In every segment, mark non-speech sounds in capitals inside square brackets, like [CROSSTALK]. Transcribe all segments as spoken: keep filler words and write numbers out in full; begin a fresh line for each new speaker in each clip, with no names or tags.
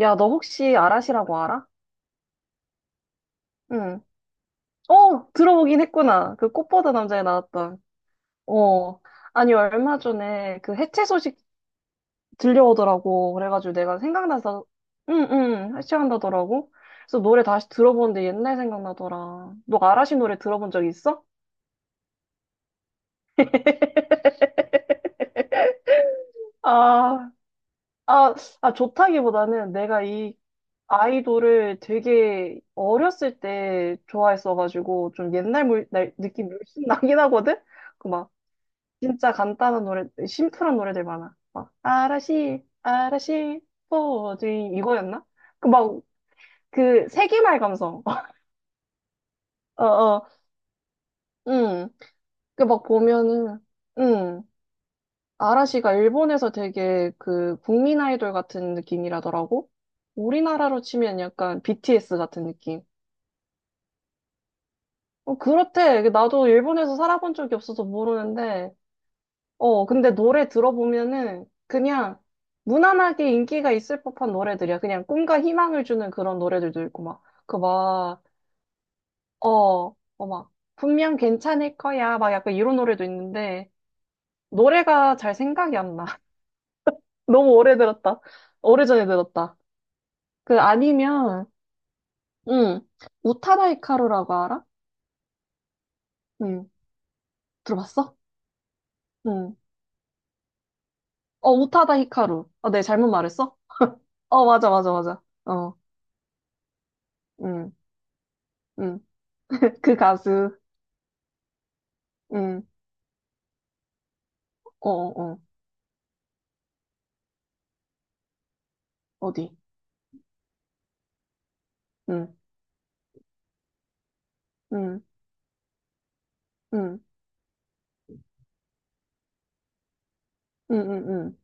야, 너 혹시 아라시라고 알아? 응. 어, 들어보긴 했구나. 그 꽃보다 남자에 나왔던. 어. 아니, 얼마 전에 그 해체 소식 들려오더라고. 그래가지고 내가 생각나서, 응, 응, 해체한다더라고. 그래서 노래 다시 들어보는데 옛날 생각나더라. 너 아라시 노래 들어본 적 있어? 아, 아, 아, 좋다기보다는 내가 이 아이돌을 되게 어렸을 때 좋아했어가지고 좀 옛날 물, 날, 느낌 물씬 나긴 하거든? 진짜 간단한 노래, 심플한 노래들 많아. 막, 아라시, 아라시, 포지, 이거였나? 그 막, 그 세기말 감성. [LAUGHS] 어, 어, 응. 그 막 보면은, 응. 아라시가 일본에서 되게 그 국민 아이돌 같은 느낌이라더라고? 우리나라로 치면 약간 비티에스 같은 느낌. 어, 그렇대. 나도 일본에서 살아본 적이 없어서 모르는데, 어, 근데 노래 들어보면은 그냥 무난하게 인기가 있을 법한 노래들이야. 그냥 꿈과 희망을 주는 그런 노래들도 있고, 막, 그 막, 어, 어, 막, 분명 괜찮을 거야. 막 약간 이런 노래도 있는데, 노래가 잘 생각이 안 나. [LAUGHS] 너무 오래 들었다. 오래전에 들었다. 그 아니면, 응, 우타다 히카루라고 알아? 응, 들어봤어? 응. 어, 우타다 히카루. 어, 네, 잘못 말했어? 어, 맞아, 맞아, 맞아. 어, 응, 응. 그 가수. 응. 어, 어, 어. 어디? 응, 응, 응, 응, 응, 응.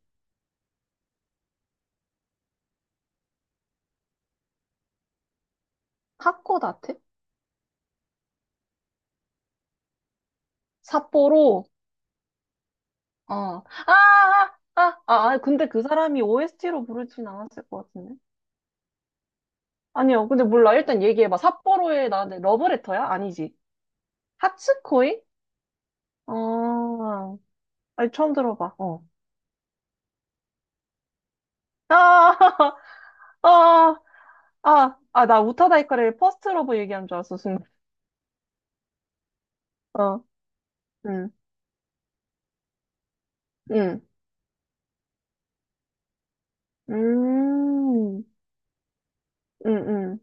하코다테? 삿포로? 어. 아, 아, 아, 아, 아, 근데 그 사람이 오에스티로 부르진 않았을 것 같은데. 아니요, 근데 몰라. 일단 얘기해봐. 삿포로의 나한테 러브레터야? 아니지. 하츠코이? 어, 아니, 처음 들어봐. 어. 아, [LAUGHS] 아, 아, 아, 나 우타다이카를 퍼스트 러브 얘기한 줄 알았어, 순간. 어, 응, 응, 음, 음, 음,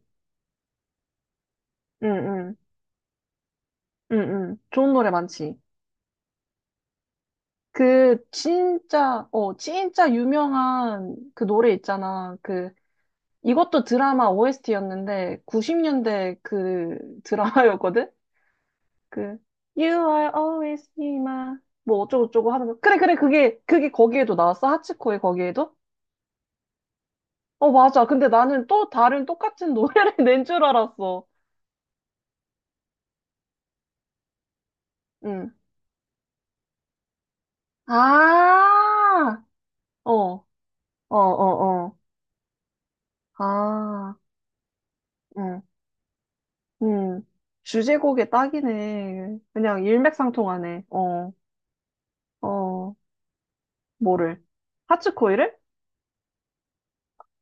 음. 음. 응, 응. 좋은 노래 많지. 그, 진짜, 어, 진짜 유명한 그 노래 있잖아. 그, 이것도 드라마 오에스티였는데, 구십 년대 그 드라마였거든? 그, You are always be my, 뭐 어쩌고저쩌고 하는 거. 그래, 그래, 그게, 그게 거기에도 나왔어? 하치코의 거기에도? 어, 맞아. 근데 나는 또 다른 똑같은 노래를 [LAUGHS] 낸 줄 알았어. 응. 아, 어, 어, 어, 어. 아, 응. 음, 주제곡에 딱이네. 그냥 일맥상통하네. 어, 어, 뭐를? 하츠코이를?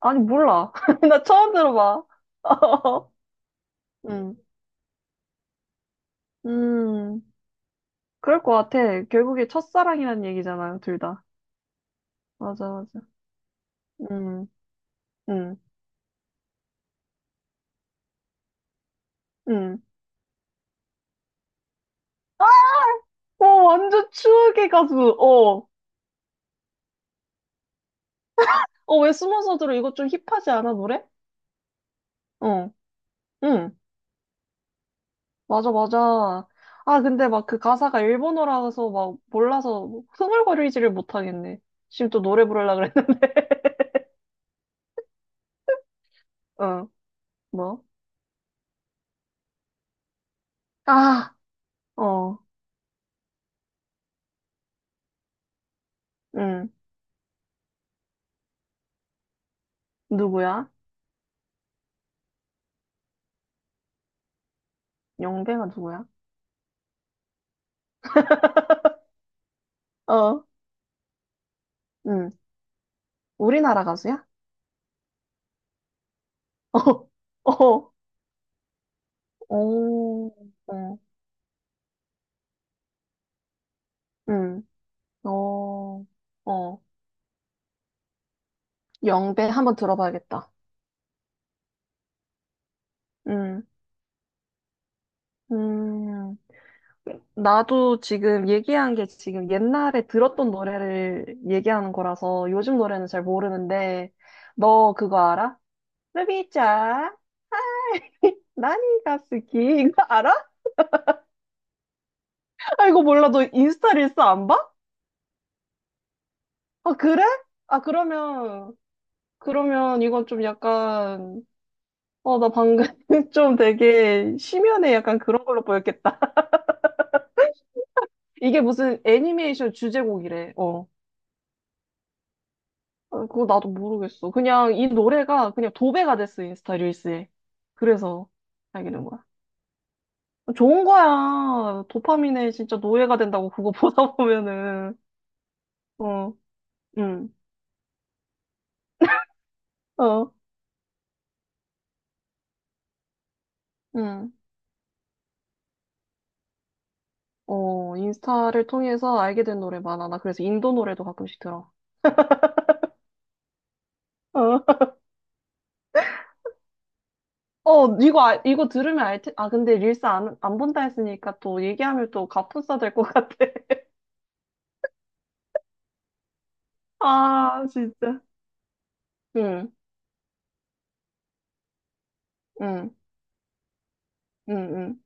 아니, 몰라. [LAUGHS] 나 처음 들어봐. [LAUGHS] 음, 음, 그럴 것 같아. 결국에 첫사랑이란 얘기잖아요, 둘 다. 맞아, 맞아. 음, 음, 음. 어, 완전 추억의 가수. 어, 어, 왜 숨어서 들어? 이거 좀 힙하지 않아, 노래? 어, 응. 맞아, 맞아. 아, 근데 막 그 가사가 일본어라서 막 몰라서 뭐 흥얼거리지를 못하겠네. 지금 또 노래 부르려고 그랬는데. [LAUGHS] 어, 뭐? 아, 어, 응. 누구야? 영배가 누구야? 어, 응. 우리나라 가수야? [LAUGHS] 어, 어, 오, 어, 응. 어, 어. 영배 한번 들어봐야겠다. 응, 음, 나도 지금 얘기한 게 지금 옛날에 들었던 노래를 얘기하는 거라서 요즘 노래는 잘 모르는데, 너 그거 알아? 루비짱, 나니가 스키. 이거 [LAUGHS] 알아? 아, 이거 몰라. 너 인스타 릴스 안 봐? 아, 그래? 아, 그러면, 그러면 이건 좀 약간, 어, 나 방금 [LAUGHS] 좀 되게 심연에 약간 그런 걸로 보였겠다. [LAUGHS] 이게 무슨 애니메이션 주제곡이래. 어. 어, 그거 나도 모르겠어. 그냥 이 노래가 그냥 도배가 됐어, 인스타 릴스에. 그래서 알게 된 거야. 좋은 거야. 도파민에 진짜 노예가 된다고 그거 [LAUGHS] 보다 보면은. 어, 응, 어, 응. 어, 인스타를 통해서 알게 된 노래 많아. 나 그래서 인도 노래도 가끔씩 들어. 어, 어, 이거, 알- 이거 들으면 알 테, 아, 근데 릴스 안, 안 본다 했으니까 또 얘기하면 또 갑분싸 될 것 같아. [LAUGHS] 아, 진짜. 응, 응, 응, 응.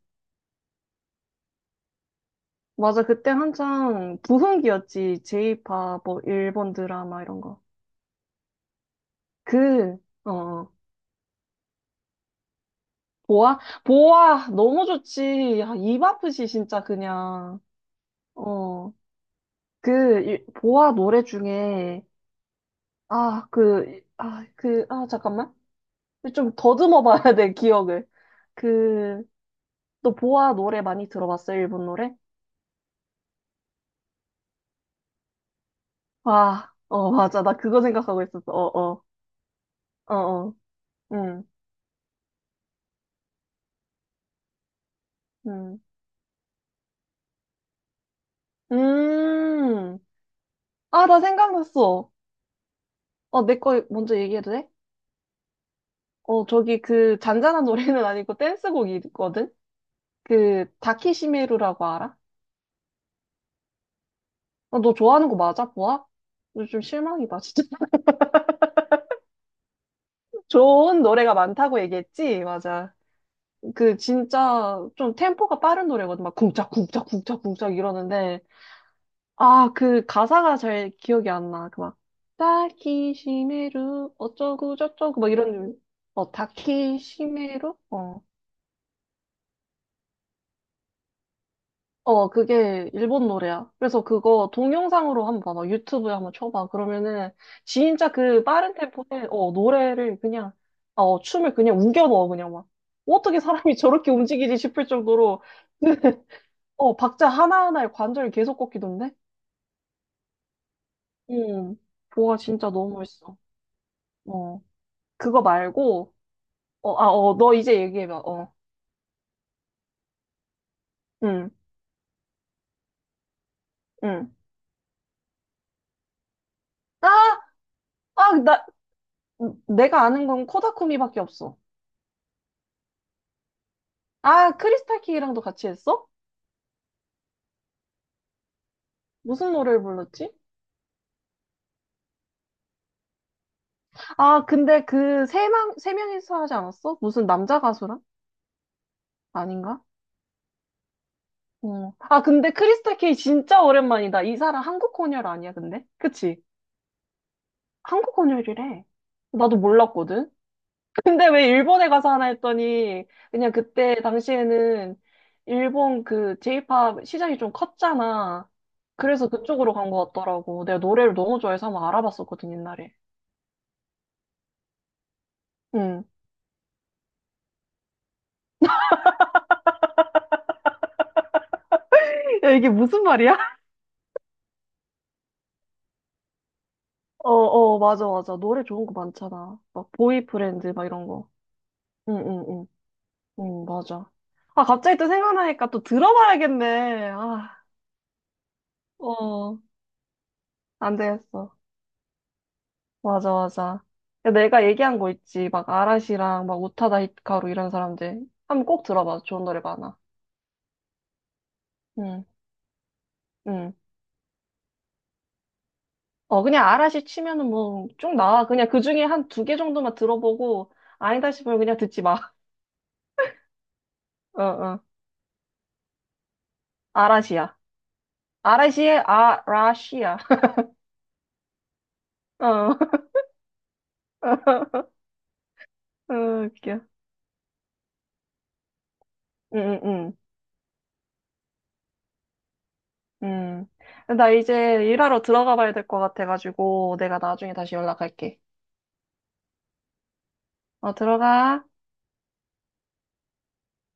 맞아. 그때 한창 부흥기였지. 제이팝, 뭐, 일본 드라마 이런 거. 그, 어, 어. 보아? 보아! 너무 좋지. 야, 입 아프지, 진짜, 그냥. 어, 그, 일- 보아 노래 중에, 아, 그, 아, 그, 아, 잠깐만. 좀 더듬어 봐야 돼, 기억을. 그, 또 보아 노래 많이 들어봤어, 일본 노래? 아, 어, 맞아. 나 그거 생각하고 있었어. 어, 어, 어, 어, 응, 응. 음. 아, 나 생각났어. 어, 내 거 먼저 얘기해도 돼? 어, 저기 그 잔잔한 노래는 아니고 댄스곡이거든? 그 다키시메루라고 알아? 어, 너 좋아하는 거 맞아, 보아? 요즘 실망이다, 진짜. [LAUGHS] 좋은 노래가 많다고 얘기했지? 맞아. 그 진짜 좀 템포가 빠른 노래거든. 막 쿵짝, 쿵짝, 쿵짝, 쿵짝 이러는데. 아, 그 가사가 잘 기억이 안 나. 그 막, 다키시메루, 어쩌고 저쩌고, 막 이런, 어, 다키시메루? 어. 어, 그게 일본 노래야. 그래서 그거 동영상으로 한번 봐봐. 유튜브에 한번 쳐봐. 그러면은 진짜 그 빠른 템포에 어, 노래를 그냥 어, 춤을 그냥 우겨 넣어 그냥 막. 어떻게 사람이 [LAUGHS] 저렇게 움직이지 싶을 정도로 [LAUGHS] 어, 박자 하나하나에 관절이 계속 꺾이던데? 음. 보아 진짜 너무 멋있어. 어. 그거 말고 어, 아, 어, 너 이제 얘기해 봐. 어. 응 응 아, 아, 나 내가 아는 건 코다쿠미밖에 없어. 아, 크리스탈 킹이랑도 같이 했어? 무슨 노래를 불렀지? 아, 근데 그 세 명, 세 명이서 하지 않았어? 무슨 남자 가수랑? 아닌가? 어. 아, 근데 크리스타 케이 진짜 오랜만이다. 이 사람 한국 혼혈 아니야, 근데? 그치? 한국 혼혈이래. 나도 몰랐거든? 근데 왜 일본에 가서 하나 했더니, 그냥 그때 당시에는 일본 그 제이팝 시장이 좀 컸잖아. 그래서 그쪽으로 간 것 같더라고. 내가 노래를 너무 좋아해서 한번 알아봤었거든, 옛날에. 응. 야, 이게 무슨 말이야? 어, 어, 맞아, 맞아, 노래 좋은 거 많잖아. 막, 보이프렌드, 막 이런 거. 응, 응, 응. 응, 맞아. 아, 갑자기 또 생각나니까 또 들어봐야겠네. 아, 어, 안 되겠어. 맞아, 맞아. 야, 내가 얘기한 거 있지. 막, 아라시랑, 막, 우타다 히카루 이런 사람들. 한번 꼭 들어봐. 좋은 노래 많아. 응, 응. 어, 그냥 아라시 치면은 뭐, 쭉 나와. 그냥 그 중에 한 두 개 정도만 들어보고, 아니다 싶으면 그냥 듣지 마. [LAUGHS] 어, 어. 아라시야. 아라시의 아라시야. [LAUGHS] 어. 어, 웃겨. 응, 응, 응. 응. 나 이제 일하러 들어가 봐야 될 것 같아가지고, 내가 나중에 다시 연락할게. 어, 들어가.